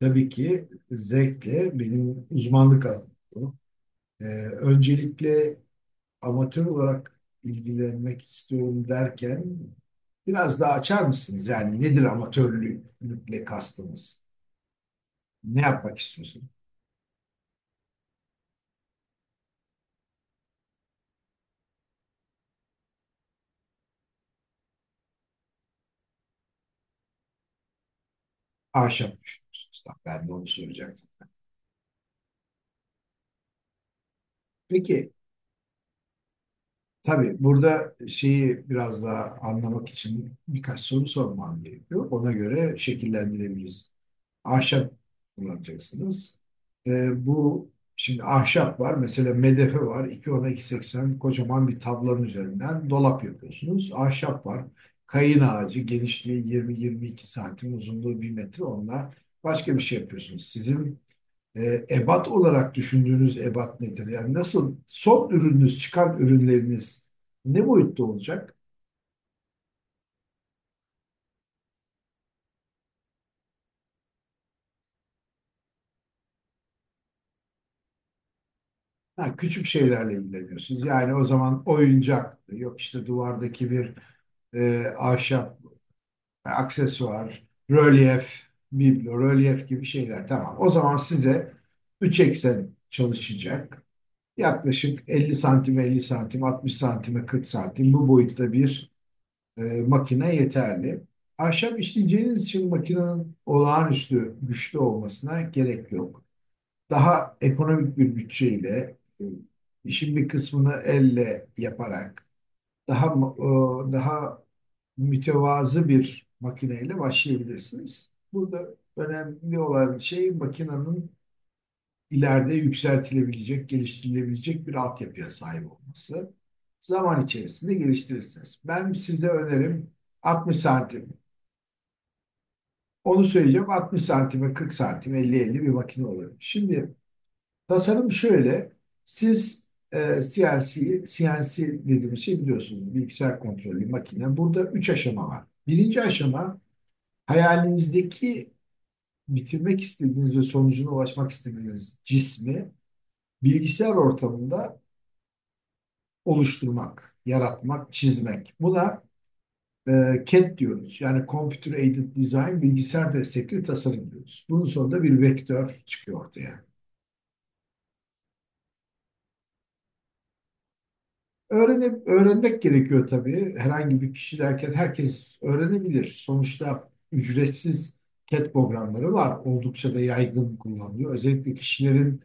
Tabii ki zevkle, benim uzmanlık alanım bu. Ee, öncelikle amatör olarak ilgilenmek istiyorum derken biraz daha açar mısınız? Yani nedir amatörlükle kastınız? Ne yapmak istiyorsunuz? Ahşap düşünüyorsunuz. Tamam, ben de onu soracaktım. Peki, tabii burada şeyi biraz daha anlamak için birkaç soru sormam gerekiyor. Ona göre şekillendirebiliriz. Ahşap kullanacaksınız. Bu şimdi ahşap var. Mesela medefe var. İki ona iki seksen, kocaman bir tablanın üzerinden dolap yapıyorsunuz. Ahşap var. Kayın ağacı genişliği 20-22 santim, uzunluğu bir metre. Onunla başka bir şey yapıyorsunuz. Sizin ebat olarak düşündüğünüz ebat nedir? Yani nasıl son ürününüz, çıkan ürünleriniz ne boyutta olacak? Ha, küçük şeylerle ilgileniyorsunuz. Yani o zaman oyuncak yok, işte duvardaki bir ahşap, aksesuar, rölyef, biblo, rölyef gibi şeyler. Tamam. O zaman size 3 eksen çalışacak. Yaklaşık 50 santim, 50 santim, 60 santime, 40 santim bu boyutta bir makine yeterli. Ahşap işleyeceğiniz için makinenin olağanüstü güçlü olmasına gerek yok. Daha ekonomik bir bütçeyle, işin bir kısmını elle yaparak daha daha mütevazı bir makineyle başlayabilirsiniz. Burada önemli olan şey, makinenin ileride yükseltilebilecek, geliştirilebilecek bir altyapıya sahip olması. Zaman içerisinde geliştirirsiniz. Ben size önerim 60 santim. Onu söyleyeceğim, 60 santime 40 santim 50-50 bir makine olabilir. Şimdi tasarım şöyle. Siz CNC dediğimiz şey, biliyorsunuz, bilgisayar kontrollü makine. Burada 3 aşama var. Birinci aşama, hayalinizdeki bitirmek istediğiniz ve sonucuna ulaşmak istediğiniz cismi bilgisayar ortamında oluşturmak, yaratmak, çizmek. Buna CAD diyoruz. Yani Computer Aided Design, bilgisayar destekli tasarım diyoruz. Bunun sonunda bir vektör çıkıyor ortaya. Öğrenmek gerekiyor tabii. Herhangi bir kişi derken herkes öğrenebilir. Sonuçta ücretsiz CAD programları var. Oldukça da yaygın kullanılıyor. Özellikle kişilerin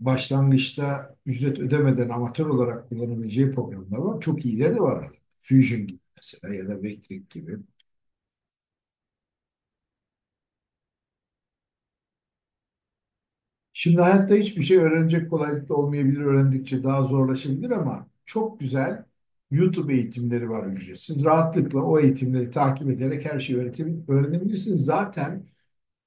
başlangıçta ücret ödemeden amatör olarak kullanabileceği programlar var. Çok iyileri de var. Fusion gibi mesela, ya da Vectric gibi. Şimdi hayatta hiçbir şey öğrenecek kolaylıkta olmayabilir. Öğrendikçe daha zorlaşabilir ama çok güzel YouTube eğitimleri var ücretsiz. Rahatlıkla o eğitimleri takip ederek her şeyi öğrenebilirsiniz. Zaten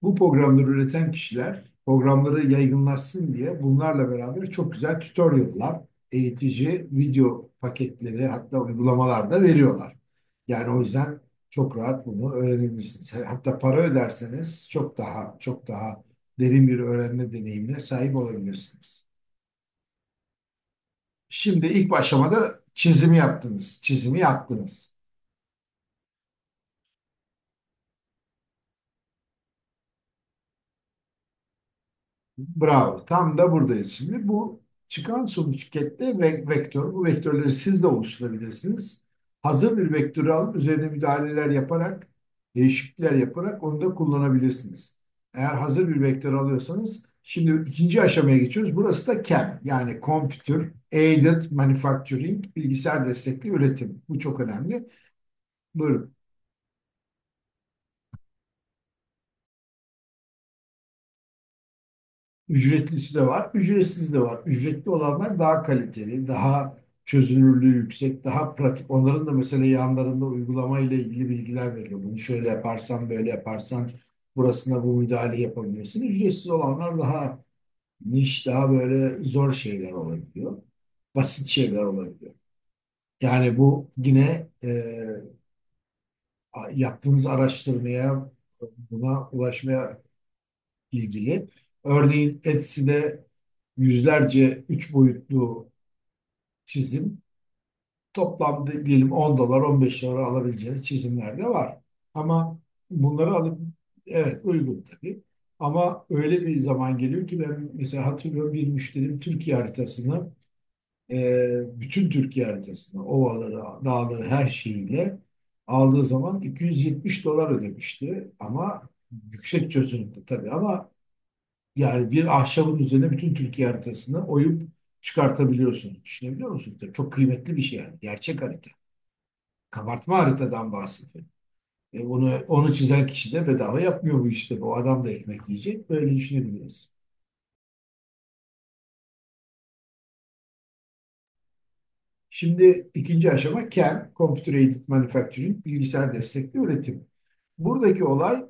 bu programları üreten kişiler, programları yaygınlaşsın diye bunlarla beraber çok güzel tutorial'lar, eğitici video paketleri, hatta uygulamalar da veriyorlar. Yani o yüzden çok rahat bunu öğrenebilirsiniz. Hatta para öderseniz çok daha derin bir öğrenme deneyimine sahip olabilirsiniz. Şimdi ilk aşamada çizimi yaptınız, çizimi yaptınız. Bravo. Tam da buradayız şimdi. Bu çıkan sonuç kette ve vektör. Bu vektörleri siz de oluşturabilirsiniz. Hazır bir vektörü alıp üzerine müdahaleler yaparak, değişiklikler yaparak onu da kullanabilirsiniz. Eğer hazır bir vektör alıyorsanız, şimdi ikinci aşamaya geçiyoruz. Burası da CAM, yani Computer Aided Manufacturing, bilgisayar destekli üretim. Bu çok önemli. Buyurun. Ücretlisi de var, ücretsiz de var. Ücretli olanlar daha kaliteli, daha çözünürlüğü yüksek, daha pratik. Onların da mesela yanlarında uygulama ile ilgili bilgiler veriyor. Bunu şöyle yaparsan, böyle yaparsan burasına bu müdahale yapabilirsin. Ücretsiz olanlar daha niş, daha böyle zor şeyler olabiliyor. Basit şeyler olabiliyor. Yani bu yine yaptığınız araştırmaya, buna ulaşmaya ilgili. Örneğin Etsy'de yüzlerce üç boyutlu çizim, toplamda diyelim 10-15 dolar alabileceğiniz çizimler de var. Ama bunları alıp, evet, uygun tabii. Ama öyle bir zaman geliyor ki, ben mesela hatırlıyorum, bir müşterim Türkiye haritasını, bütün Türkiye haritasını, ovaları, dağları her şeyiyle aldığı zaman 270 dolar ödemişti, ama yüksek çözünürlükte tabii. Ama yani bir ahşabın üzerine bütün Türkiye haritasını oyup çıkartabiliyorsunuz. Düşünebiliyor musunuz? Tabii çok kıymetli bir şey yani. Gerçek harita. Kabartma haritadan bahsediyorum. Onu çizen kişi de bedava yapmıyor bu işte. Bu adam da ekmek yiyecek. Böyle düşünebiliriz. Şimdi ikinci aşama CAM, Computer Aided Manufacturing, bilgisayar destekli üretim. Buradaki olay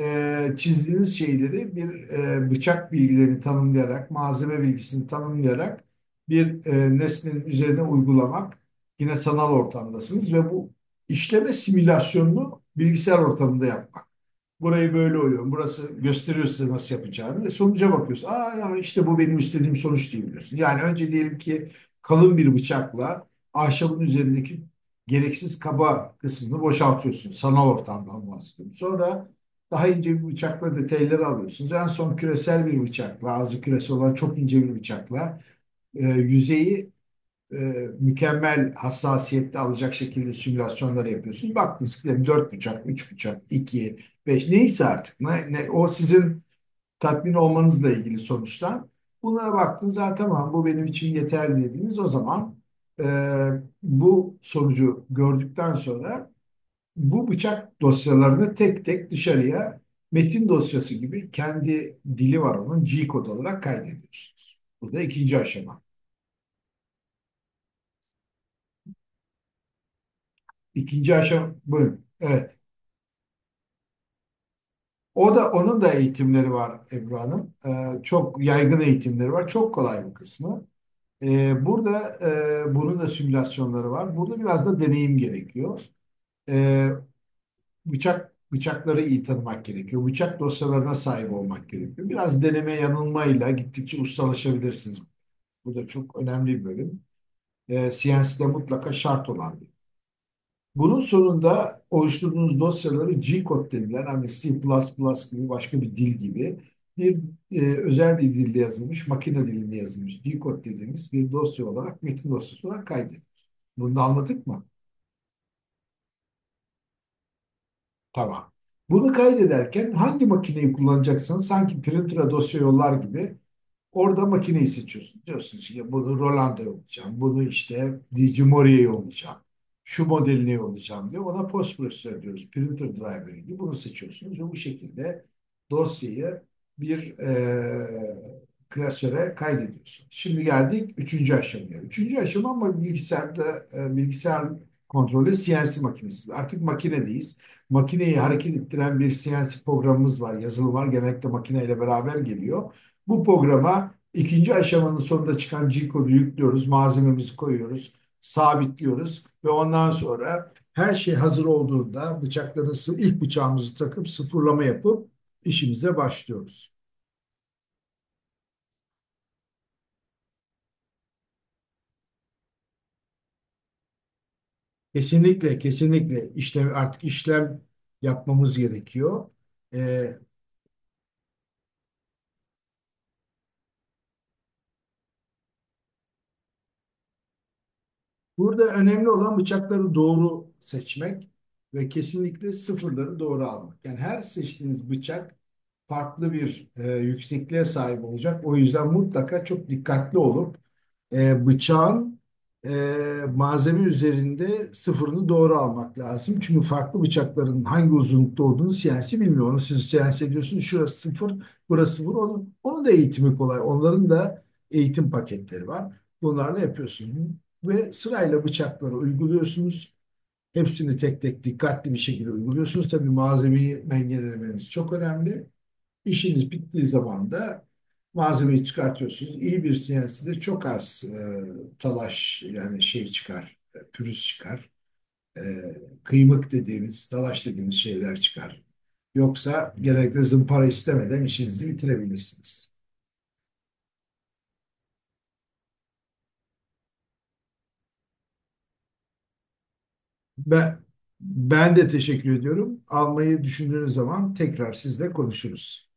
çizdiğiniz şeyleri bir bıçak bilgilerini tanımlayarak, malzeme bilgisini tanımlayarak bir nesnenin üzerine uygulamak. Yine sanal ortamdasınız ve bu işleme simülasyonunu bilgisayar ortamında yapmak. Burayı böyle oyuyorum. Burası gösteriyor size nasıl yapacağını. Ve sonuca bakıyorsun. Aa ya, işte bu benim istediğim sonuç değil diyorsun. Yani önce diyelim ki kalın bir bıçakla ahşabın üzerindeki gereksiz kaba kısmını boşaltıyorsun. Sanal ortamdan bahsediyorum. Sonra daha ince bir bıçakla detayları alıyorsunuz. En son küresel bir bıçakla, ağzı küresi olan çok ince bir bıçakla yüzeyi e, mükemmel hassasiyette alacak şekilde simülasyonları yapıyorsun. Bak, disklerim 4 bucak, 3 bucak, 2, 5 neyse artık. O sizin tatmin olmanızla ilgili sonuçlar. Bunlara baktınız zaten, tamam bu benim için yeterli dediniz. O zaman e, bu sonucu gördükten sonra bu bıçak dosyalarını tek tek dışarıya, metin dosyası gibi, kendi dili var onun, G kod olarak kaydediyorsunuz. Bu da ikinci aşama. İkinci aşama buyurun. Evet. O da, onun da eğitimleri var Ebru Hanım. Çok yaygın eğitimleri var. Çok kolay bir kısmı. Burada bunun da simülasyonları var. Burada biraz da deneyim gerekiyor. Ee, bıçakları iyi tanımak gerekiyor. Bıçak dosyalarına sahip olmak gerekiyor. Biraz deneme yanılmayla gittikçe ustalaşabilirsiniz. Bu da çok önemli bir bölüm. CNC de mutlaka şart olan bir, bunun sonunda oluşturduğunuz dosyaları G-Code denilen, hani C++ gibi başka bir dil gibi bir özel bir dilde yazılmış, makine dilinde yazılmış G-Code dediğimiz bir dosya olarak, metin dosyası olarak kaydedin. Bunu da anladık mı? Tamam. Bunu kaydederken hangi makineyi kullanacaksanız, sanki printer'a dosya yollar gibi, orada makineyi seçiyorsun. Diyorsun ki bunu Roland'a olacağım, bunu işte Digimori'ye olacağım, şu modeline olacağım diye. Ona post processor diyoruz, printer driver gibi. Bunu seçiyorsunuz ve bu şekilde dosyayı bir klasöre kaydediyorsun. Şimdi geldik üçüncü aşamaya. Üçüncü aşama, ama bilgisayarda, bilgisayar kontrolü CNC makinesi. Artık makinedeyiz. Makineyi hareket ettiren bir CNC programımız var, yazılım var. Genellikle makineyle beraber geliyor. Bu programa ikinci aşamanın sonunda çıkan G-kodu yüklüyoruz, malzememizi koyuyoruz, sabitliyoruz ve ondan sonra her şey hazır olduğunda bıçakları, ilk bıçağımızı takıp sıfırlama yapıp işimize başlıyoruz. Kesinlikle, kesinlikle işlem, artık işlem yapmamız gerekiyor. Ee, burada önemli olan bıçakları doğru seçmek ve kesinlikle sıfırları doğru almak. Yani her seçtiğiniz bıçak farklı bir yüksekliğe sahip olacak. O yüzden mutlaka çok dikkatli olup bıçağın e, malzeme üzerinde sıfırını doğru almak lazım. Çünkü farklı bıçakların hangi uzunlukta olduğunu siyasi bilmiyor. Onu siz siyasi ediyorsunuz. Şurası sıfır, burası sıfır. Onun da eğitimi kolay. Onların da eğitim paketleri var. Bunlarla yapıyorsunuz. Ve sırayla bıçakları uyguluyorsunuz. Hepsini tek tek dikkatli bir şekilde uyguluyorsunuz. Tabii malzemeyi dengelemeniz çok önemli. İşiniz bittiği zaman da malzemeyi çıkartıyorsunuz. İyi bir CNC'de çok az talaş, yani şey çıkar, pürüz çıkar. E, kıymık dediğimiz, talaş dediğimiz şeyler çıkar. Yoksa genellikle zımpara istemeden işinizi bitirebilirsiniz. Ben, ben de teşekkür ediyorum. Almayı düşündüğünüz zaman tekrar sizle konuşuruz.